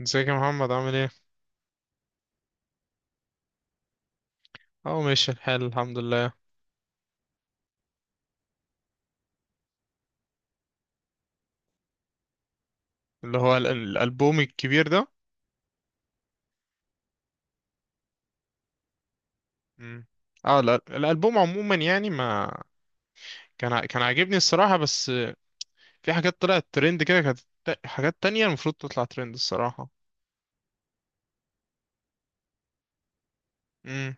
ازيك يا محمد عامل ايه؟ اه، ماشي الحال، الحمد لله. اللي هو الألبوم الكبير ده. مم. اه، لا، الألبوم عموما يعني ما كان عاجبني الصراحة، بس في حاجات طلعت ترند كده، كانت حاجات تانية المفروض تطلع ترند الصراحة. امم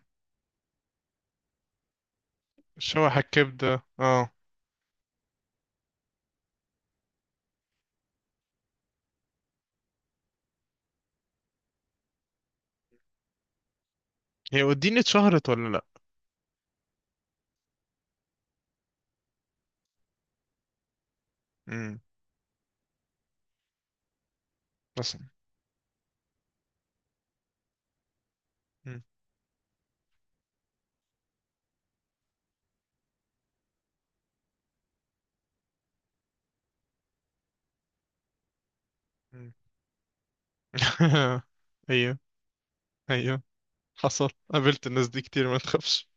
شوح الكبدة، اه. هي وديني اتشهرت ولا لا؟ امم بس. مم. مم. ايوه، ايوه. حصل قابلت الناس دي كتير، ما تخافش.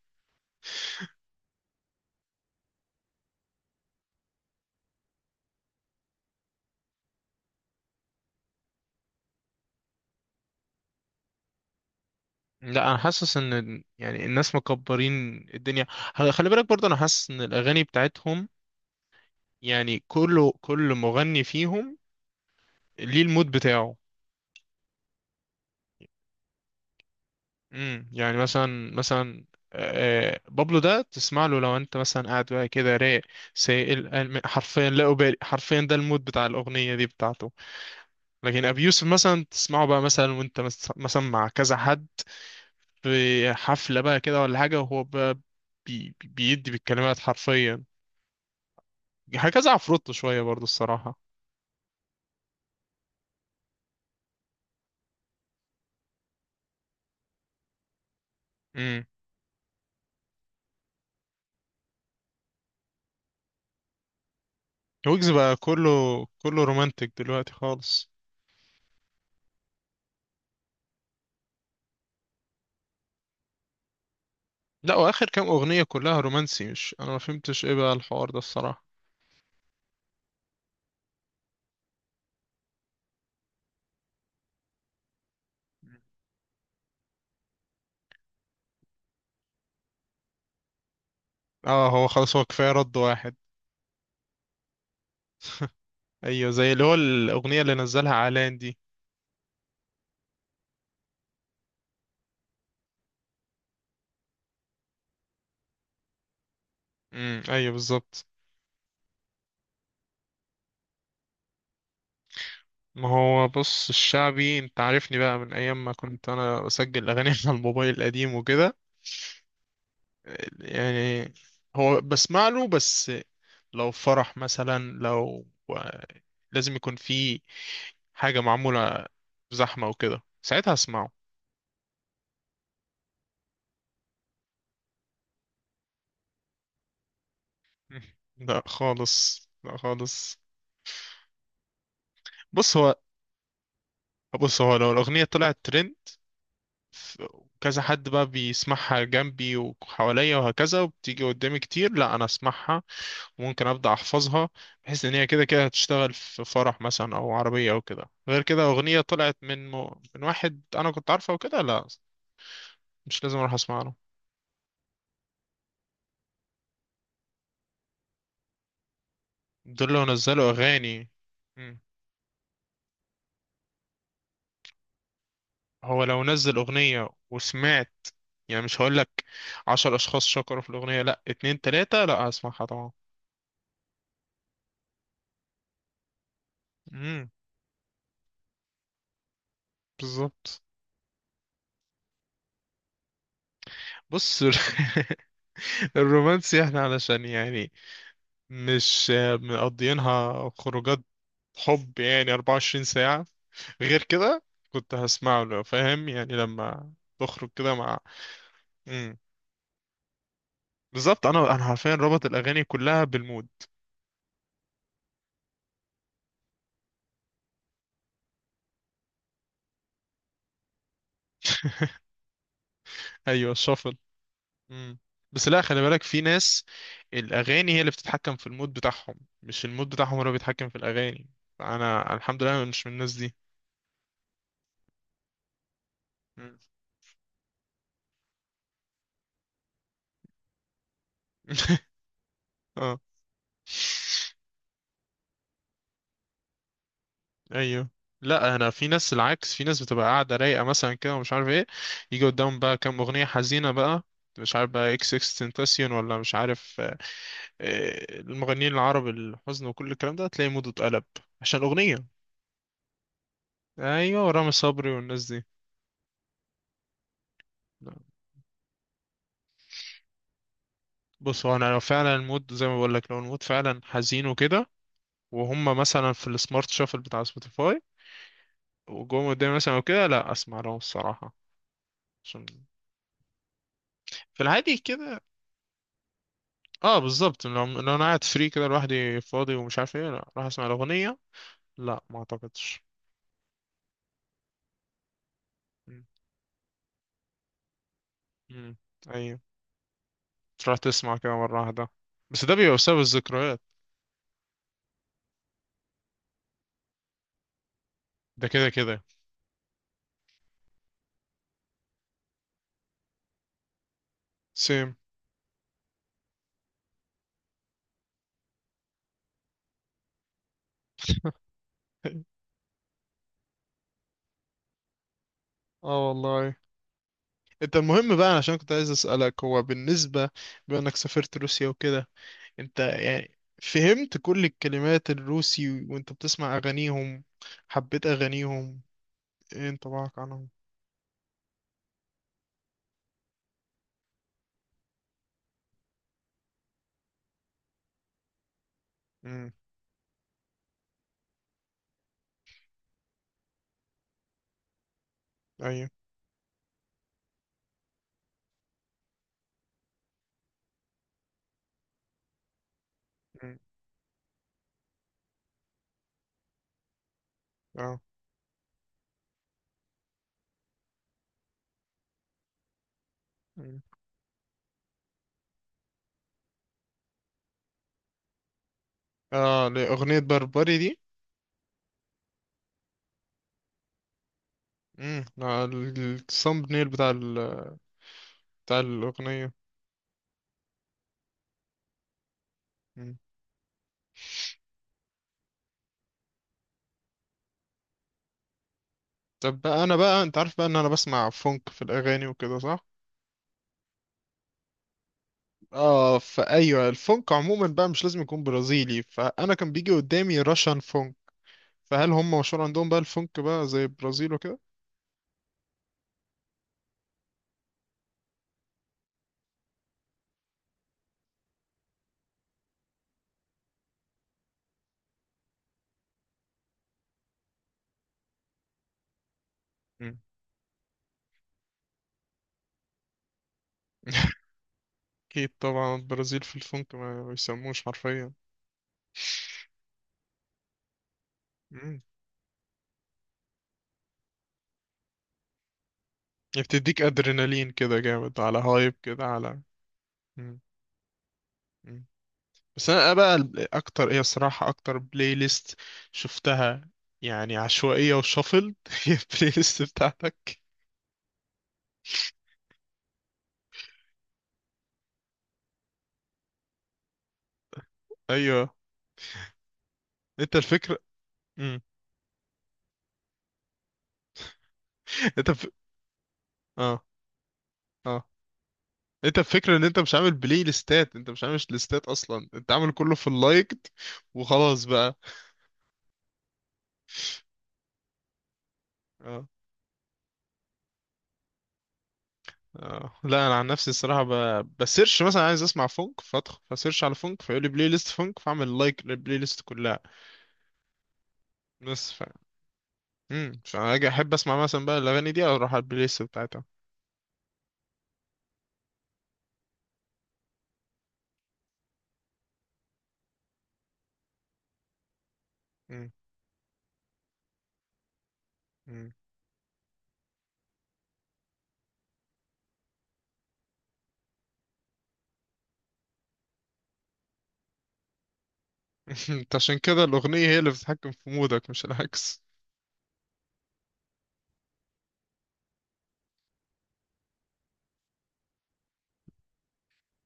لا، انا حاسس ان يعني الناس مكبرين الدنيا، خلي بالك برضه، انا حاسس ان الاغاني بتاعتهم يعني كل مغني فيهم ليه المود بتاعه. يعني مثلا بابلو ده تسمع له لو انت مثلا قاعد بقى كده رايق، سائل، حرفيا لا أبالي، حرفيا ده المود بتاع الاغنيه دي بتاعته. لكن ابي يوسف مثلا تسمعه بقى مثلا وانت مثلا مع كذا حد في حفله بقى كده ولا حاجه، وهو بقى بيدي بالكلمات حرفيا، هكذا. عفروتو شوية برضو الصراحة. امم ويجز بقى كله رومانتك دلوقتي خالص. لا، واخر كام اغنية كلها رومانسي، مش انا ما فهمتش ايه بقى الحوار ده الصراحة. اه، هو خلاص، هو كفاية رد واحد. ايوه، زي اللي هو الاغنية اللي نزلها علان دي. ايوه، بالظبط. ما هو بص، الشعبي انت عارفني بقى من ايام ما كنت انا بسجل اغاني على الموبايل القديم وكده. يعني هو بسمع له، بس لو فرح مثلا، لازم يكون في حاجة معمولة، زحمة وكده، ساعتها اسمعه. لا خالص، لا خالص. بص هو بص هو لو الأغنية طلعت ترند، ف- كذا حد بقى بيسمعها جنبي وحواليا وهكذا، وبتيجي قدامي كتير، لا أنا أسمعها. ممكن ابدا احفظها، بحيث ان هي كده كده هتشتغل في فرح مثلا او عربيه او كده. غير كده اغنيه طلعت من من واحد انا كنت عارفه وكده، لا، مش لازم اروح اسمع له. دول لو نزلوا اغاني. مم. هو لو نزل اغنيه وسمعت، يعني مش هقول لك عشر اشخاص شكروا في الاغنيه، لا، اتنين تلاته، لا هسمعها طبعا. امم بالظبط. بص. الرومانسي احنا علشان يعني مش مقضيينها خروجات حب يعني 24 ساعة. غير كده كنت هسمعه لو فاهم، يعني لما بخرج كده مع. امم بالظبط، انا حرفيا رابط الاغاني كلها بالمود. ايوه، الشفل. امم بس لا، خلي بالك، في ناس الاغاني هي اللي بتتحكم في المود بتاعهم، مش المود بتاعهم هو اللي بيتحكم في الاغاني. انا الحمد لله أنا مش من الناس دي. مم. اه، ايوه. لا، انا في ناس العكس، في ناس بتبقى قاعده رايقه مثلا كده ومش عارف ايه، يجي قدامهم بقى كام اغنيه حزينه بقى، مش عارف بقى اكس اكس تنتاسيون ولا مش عارف. المغنيين العرب، الحزن وكل الكلام ده، تلاقي موده اتقلب عشان الاغنيه. ايوه، رامي صبري والناس دي. بص هو، انا لو فعلا المود زي ما بقول لك، لو المود فعلا حزين وكده، وهم مثلا في السمارت شافل بتاع سبوتيفاي، وجم قدامي مثلا وكده، لا اسمع لهم الصراحه، عشان. في العادي كده، اه، بالظبط. لو انا قاعد فري كده لوحدي فاضي ومش عارف ايه، لا راح اسمع الاغنيه. لا، ما اعتقدش. مم. مم. ايوه، تروح تسمع كده مره واحده، بس ده بيبقى بسبب الذكريات. ده كده كده. سيم. اه والله. انت المهم بقى، عشان كنت عايز اسالك، هو بالنسبه بما انك سافرت روسيا وكده، انت يعني فهمت كل الكلمات الروسي وانت بتسمع اغانيهم؟ حبيت اغانيهم؟ ايه انطباعك عنهم؟ امم ايوه. مم. اه، اه، لأغنية بربري دي. امم الثامب نيل بتاع الأغنية. مم. طب بقى، أنا بقى أنت عارف بقى إن أنا بسمع فونك في الأغاني وكده، صح؟ اه، فأيوه الفونك عموما بقى مش لازم يكون برازيلي، فأنا كان بيجي قدامي راشان فونك، فهل هم مشهور عندهم بقى الفونك بقى زي البرازيل وكده؟ مم. أكيد طبعا، البرازيل في الفونك ما بيسموش حرفيا. مم. بتديك أدرينالين كده جامد، على هايب كده، على. مم. مم. بس انا بقى اكتر ايه الصراحه، اكتر بلاي ليست شفتها يعني عشوائيه وشفل هي البلاي ليست بتاعتك. ايوه، انت الفكره. مم. انت. اه، اه، انت الفكره ان انت مش عامل بلاي ليستات، انت مش عامل ليستات اصلا، انت عامل كله في اللايكد وخلاص بقى. اه، اه، لا، انا عن نفسي الصراحه بسيرش مثلا عايز اسمع فونك، فادخل فسيرش على فونك، فيقول لي بلاي ليست فونك، فاعمل لايك للبلاي ليست كلها. بس. عشان انا اجي احب اسمع مثلا بقى الاغاني دي او اروح على البلاي ليست بتاعتها. امم امم انت عشان كده الاغنيه هي اللي بتتحكم في مودك، مش العكس.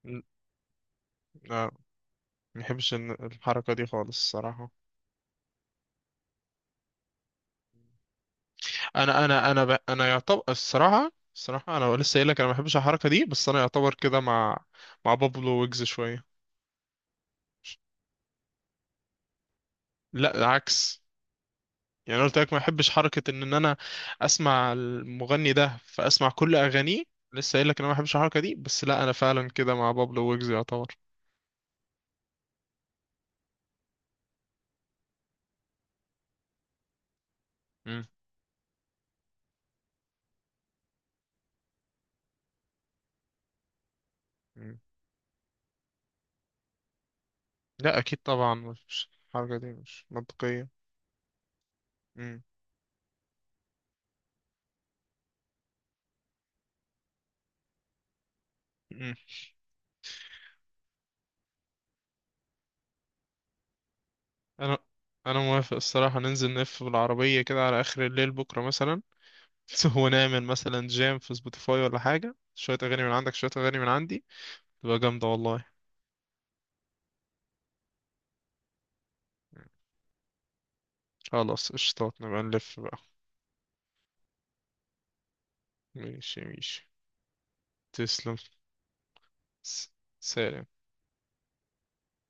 م- لا، ما بحبش الحركه دي خالص الصراحه. انا يعتبر الصراحه انا لسه قايل لك انا ما بحبش الحركه دي، بس انا يعتبر كده مع بابلو ويجز شويه. لا، العكس. يعني أنا قلت لك ما بحبش حركه ان انا اسمع المغني ده فاسمع كل اغانيه، لسه قايل لك انا ما بحبش الحركه دي، بس لا انا فعلا كده مع بابلو ويجز يعتبر. مم. لا، اكيد طبعا مش الحركه دي مش منطقيه. مم. مم. انا انا موافق الصراحه، ننزل نلف بالعربيه كده على اخر الليل بكره مثلا، ونعمل مثلا جام في سبوتيفاي ولا حاجه، شويه اغاني من عندك شويه اغاني من عندي، تبقى جامده والله. خلاص، قشطات، نبقى نلف بقى. ماشي ماشي. تسلم. س- سلام.